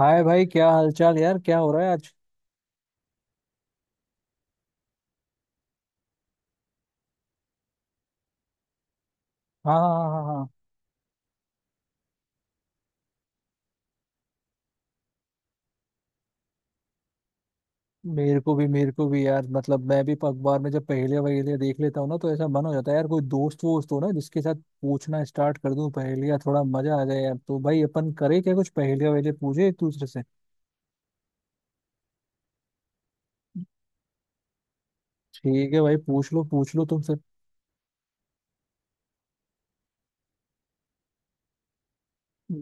हाय भाई, क्या हालचाल यार? क्या हो रहा है आज? हाँ हाँ हाँ हाँ हाँ। मेरे को भी, यार मतलब मैं भी अखबार में जब पहेलियां वहेलियां देख लेता हूँ ना, तो ऐसा मन हो जाता है यार कोई दोस्त वोस्त हो ना जिसके साथ पूछना स्टार्ट कर दूं पहेलियां, थोड़ा मजा आ जाए यार। तो भाई अपन करें क्या, कुछ पहेलियां वहेलियां पूछे एक दूसरे से? ठीक है भाई, पूछ लो तुम फिर।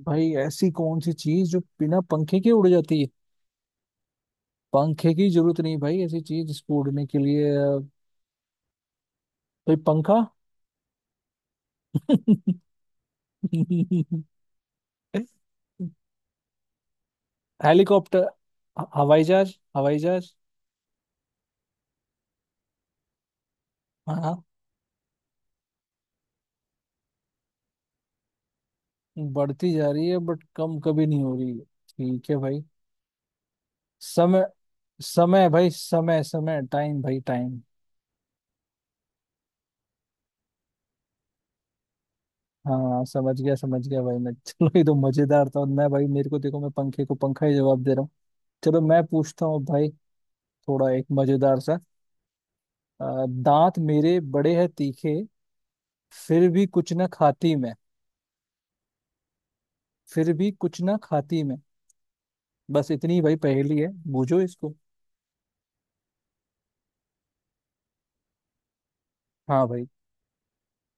भाई ऐसी कौन सी चीज जो बिना पंखे के उड़ जाती है? पंखे की जरूरत नहीं भाई, ऐसी चीज जिसको उड़ने के लिए भाई पंखा। हेलीकॉप्टर। हवाई जहाज, हवाई जहाज। हाँ। हाँ, बढ़ती जा रही है बट कम कभी नहीं हो रही है। ठीक है भाई, समय। समय भाई समय, समय टाइम भाई टाइम। हाँ समझ गया, समझ गया भाई मैं। चलो ये तो मजेदार था। और मैं भाई, मेरे को देखो, मैं पंखे को पंखा ही जवाब दे रहा हूँ। चलो मैं पूछता हूँ भाई, थोड़ा एक मजेदार सा। दांत मेरे बड़े हैं तीखे, फिर भी कुछ ना खाती मैं। फिर भी कुछ ना खाती मैं। बस इतनी भाई पहेली है, बूझो इसको। हाँ भाई।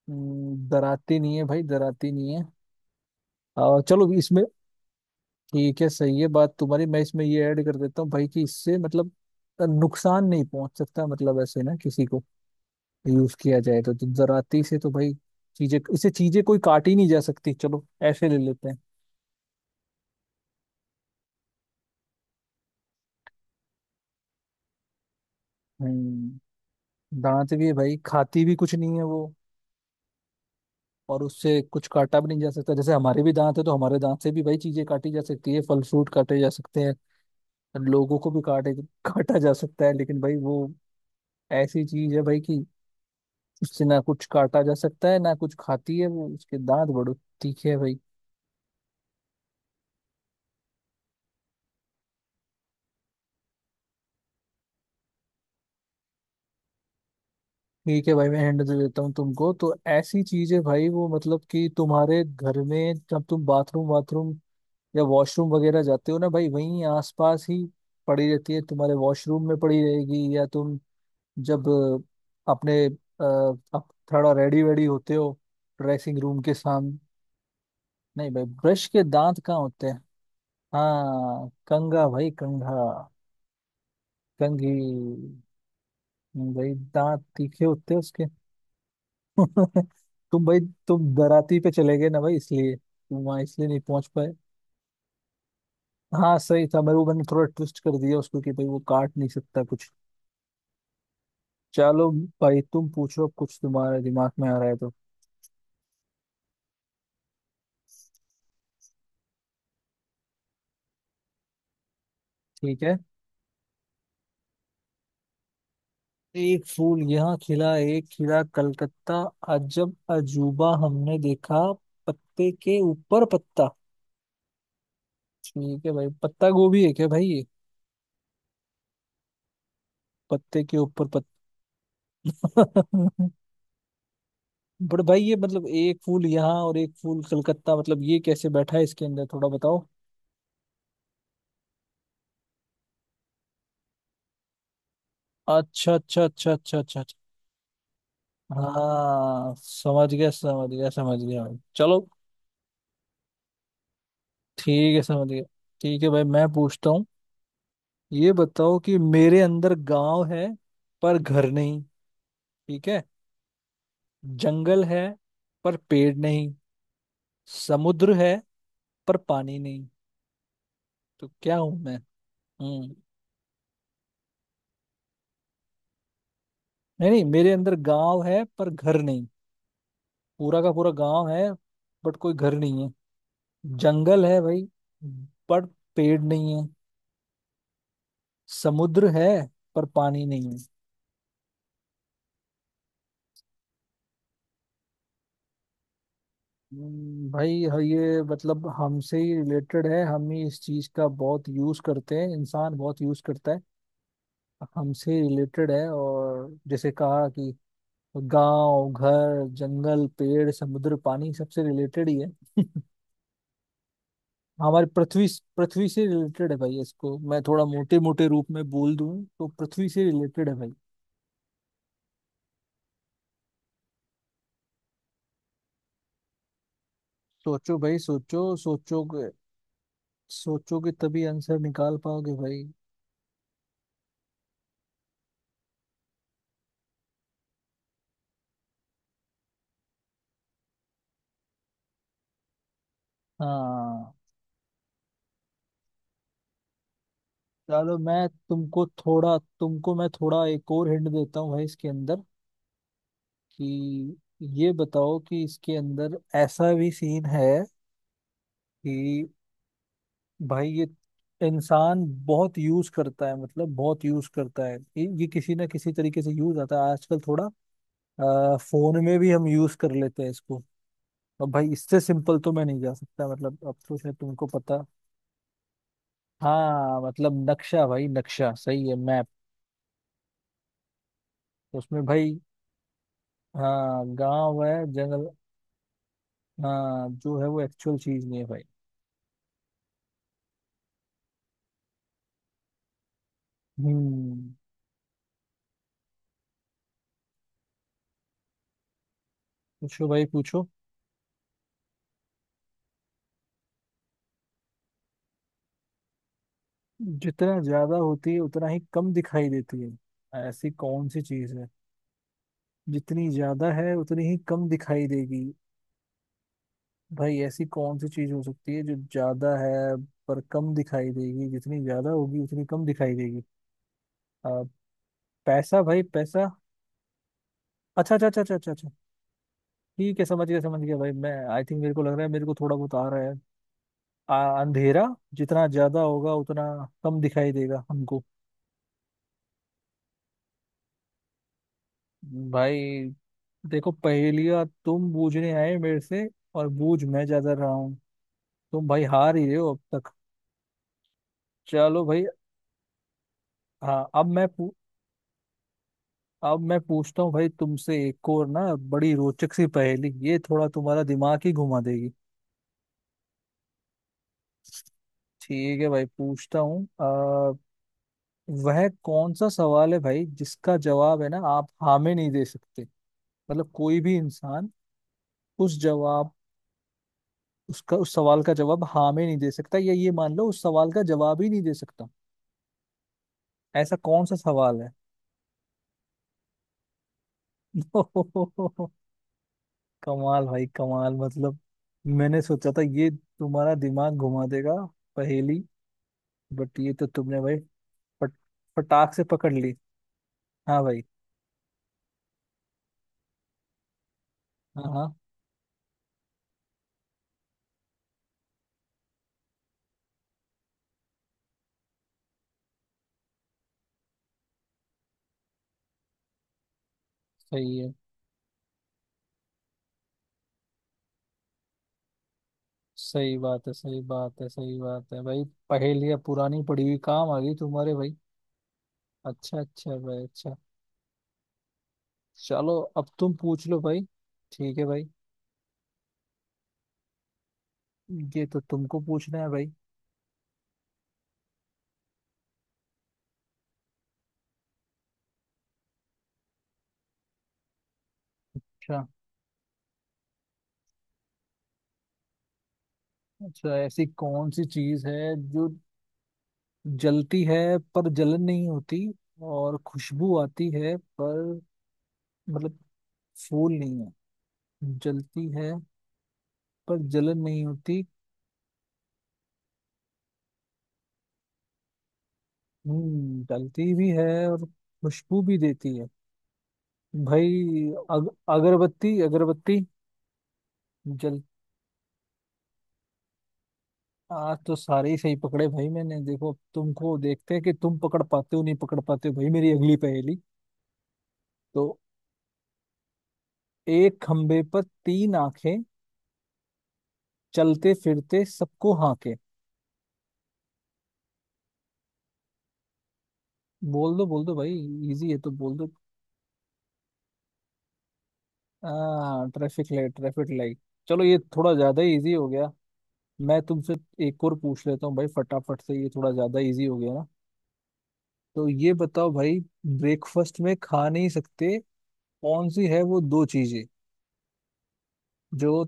डराती नहीं है भाई, डराती नहीं है। चलो इसमें। ठीक है, सही है बात तुम्हारी। मैं इसमें ये ऐड कर देता हूँ भाई कि इससे मतलब नुकसान नहीं पहुंच सकता, मतलब ऐसे ना किसी को यूज किया जाए तो डराती से तो भाई चीजें, इसे चीजें कोई काटी नहीं जा सकती। चलो ऐसे ले लेते हैं। हम्म। दांत भी है भाई, खाती भी कुछ नहीं है वो, और उससे कुछ काटा भी नहीं जा सकता। जैसे हमारे भी दांत है तो हमारे दांत से भी भाई चीजें काटी जा सकती है, फल फ्रूट काटे जा सकते हैं, लोगों को भी काटे, काटा जा सकता है। लेकिन भाई वो ऐसी चीज है भाई कि उससे ना कुछ काटा जा सकता है ना कुछ खाती है वो, उसके दांत बड़े तीखे है भाई। ठीक है भाई, मैं हैंड दे देता हूँ तुमको। तो ऐसी चीज है भाई वो, मतलब कि तुम्हारे घर में जब तुम बाथरूम बाथरूम या वॉशरूम वगैरह जाते हो ना भाई, वहीं आसपास ही पड़ी रहती है, तुम्हारे वॉशरूम में पड़ी रहेगी, या तुम जब अपने थोड़ा रेडी वेडी होते हो ड्रेसिंग रूम के सामने। नहीं भाई, ब्रश के दांत कहाँ होते हैं? हाँ कंघा भाई, कंघा, कंघी। भाई दांत तीखे होते हैं उसके। तुम भाई, तुम दराती पे चले गए ना भाई, इसलिए तुम वहां, इसलिए नहीं पहुंच पाए। हाँ सही था, मेरे को मैंने थोड़ा ट्विस्ट कर दिया उसको कि भाई वो काट नहीं सकता कुछ। चलो भाई तुम पूछो अब, कुछ तुम्हारे दिमाग में आ रहा है तो। ठीक है। एक फूल यहाँ खिला एक खिला कलकत्ता, अजब अजूबा हमने देखा, पत्ते के ऊपर पत्ता। ठीक है भाई, पत्ता गोभी है क्या भाई ये, पत्ते के ऊपर पत्ता? बट भाई ये मतलब एक फूल यहाँ और एक फूल कलकत्ता, मतलब ये कैसे बैठा है इसके अंदर, थोड़ा बताओ। अच्छा अच्छा अच्छा अच्छा अच्छा अच्छा। हाँ समझ गया समझ गया समझ गया भाई, चलो। ठीक है समझ गया। ठीक है भाई, मैं पूछता हूँ। ये बताओ कि मेरे अंदर गांव है पर घर नहीं, ठीक है, जंगल है पर पेड़ नहीं, समुद्र है पर पानी नहीं, तो क्या हूं मैं? हम्म। नहीं नहीं, मेरे अंदर गांव है पर घर नहीं, पूरा का पूरा गांव है बट कोई घर नहीं है। जंगल है भाई बट पेड़ नहीं है। समुद्र है पर पानी नहीं है। भाई हाँ, ये मतलब हमसे ही रिलेटेड है, हम ही इस चीज का बहुत यूज करते हैं, इंसान बहुत यूज करता है। हमसे रिलेटेड है और जैसे कहा कि गांव घर जंगल पेड़ समुद्र पानी सबसे रिलेटेड ही है। हमारी पृथ्वी, पृथ्वी से रिलेटेड है भाई। इसको मैं थोड़ा मोटे मोटे रूप में बोल दूं तो पृथ्वी से रिलेटेड है भाई। सोचो भाई सोचो, सोचोगे, सोचोगे तभी आंसर निकाल पाओगे भाई। हाँ। चलो मैं तुमको थोड़ा, तुमको मैं थोड़ा एक और हिंट देता हूँ भाई इसके अंदर कि, ये बताओ कि इसके अंदर ऐसा भी सीन है कि भाई ये इंसान बहुत यूज करता है, मतलब बहुत यूज करता है ये, किसी ना किसी तरीके से यूज आता है। आजकल थोड़ा फोन में भी हम यूज कर लेते हैं इसको। अब भाई इससे सिंपल तो मैं नहीं जा सकता, मतलब अब तो शायद तुमको पता। हाँ मतलब नक्शा भाई, नक्शा सही है, मैप। उसमें भाई हाँ गांव है जंगल। हाँ जो है वो एक्चुअल चीज नहीं है भाई। हम्म। पूछो भाई पूछो। जितना ज्यादा होती है उतना ही कम दिखाई देती है, ऐसी कौन सी चीज है? जितनी ज्यादा है उतनी ही कम दिखाई देगी, भाई ऐसी कौन सी चीज हो सकती है जो ज्यादा है पर कम दिखाई देगी, जितनी ज्यादा होगी उतनी कम दिखाई देगी? अ, पैसा भाई, पैसा। अच्छा अच्छा अच्छा अच्छा अच्छा अच्छा। ठीक है समझ गया भाई, मैं आई थिंक, मेरे को लग रहा है, मेरे को थोड़ा बहुत आ रहा है। अंधेरा, जितना ज्यादा होगा उतना कम दिखाई देगा हमको। भाई देखो, पहेलियां तुम बूझने आए मेरे से और बूझ मैं ज्यादा रहा हूँ, तुम भाई हार ही रहे हो अब तक। चलो भाई। हाँ अब मैं पू- अब मैं पूछता हूँ भाई तुमसे एक और ना, बड़ी रोचक सी पहेली, ये थोड़ा तुम्हारा दिमाग ही घुमा देगी। ठीक है भाई, पूछता हूँ। वह कौन सा सवाल है भाई जिसका जवाब है ना आप हाँ में नहीं दे सकते, मतलब कोई भी इंसान उस जवाब उसका उस सवाल का जवाब हाँ में नहीं दे सकता, या ये मान लो उस सवाल का जवाब ही नहीं दे सकता। ऐसा कौन सा सवाल है? कमाल भाई कमाल, मतलब मैंने सोचा था ये तुम्हारा दिमाग घुमा देगा पहेली, बट ये तो तुमने भाई फट फटाक से पकड़ ली। हाँ भाई। हाँ हाँ सही है, सही बात है, सही बात है, सही बात है भाई। पहेलियाँ पुरानी पड़ी हुई काम आ गई तुम्हारे भाई। अच्छा अच्छा भाई अच्छा। चलो अब तुम पूछ लो भाई। ठीक है भाई। ये तो तुमको पूछना है भाई। अच्छा अच्छा। ऐसी कौन सी चीज है जो जलती है पर जलन नहीं होती, और खुशबू आती है पर? मतलब फूल नहीं है, जलती है पर जलन नहीं होती। हम्म, डलती भी है और खुशबू भी देती है भाई। अगरबत्ती, अगरबत्ती। जल, आज तो सारे ही सही पकड़े भाई मैंने। देखो तुमको, देखते हैं कि तुम पकड़ पाते हो नहीं पकड़ पाते हो भाई मेरी अगली पहेली तो। एक खंबे पर तीन आंखें, चलते फिरते सबको हाके। बोल दो भाई, इजी है तो बोल दो। आ, ट्रैफिक लाइट, ट्रैफिक लाइट। चलो ये थोड़ा ज्यादा ही इजी हो गया। मैं तुमसे एक और पूछ लेता हूँ भाई फटाफट से, ये थोड़ा ज्यादा इजी हो गया ना। तो ये बताओ भाई, ब्रेकफास्ट में खा नहीं सकते कौन सी है वो दो चीजें जो?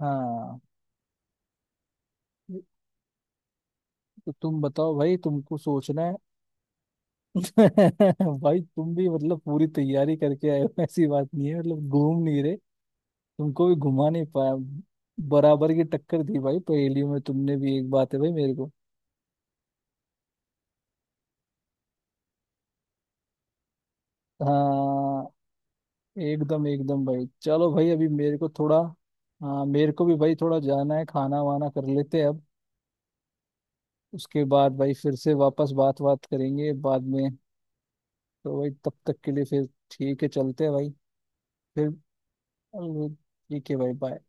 हाँ, तो तुम बताओ भाई, तुमको सोचना है। भाई तुम भी मतलब पूरी तैयारी करके आए हो, ऐसी बात नहीं है मतलब, घूम नहीं रहे, तुमको भी घुमा नहीं पाया, बराबर की टक्कर दी भाई पहेलियों में तुमने भी, एक बात है भाई मेरे को। हाँ एकदम एकदम भाई। चलो भाई अभी मेरे को थोड़ा, हाँ मेरे को भी भाई थोड़ा जाना है, खाना वाना कर लेते हैं अब, उसके बाद भाई फिर से वापस बात बात करेंगे बाद में। तो भाई तब तक के लिए फिर, ठीक है चलते हैं भाई, फिर। ठीक है भाई, बाय।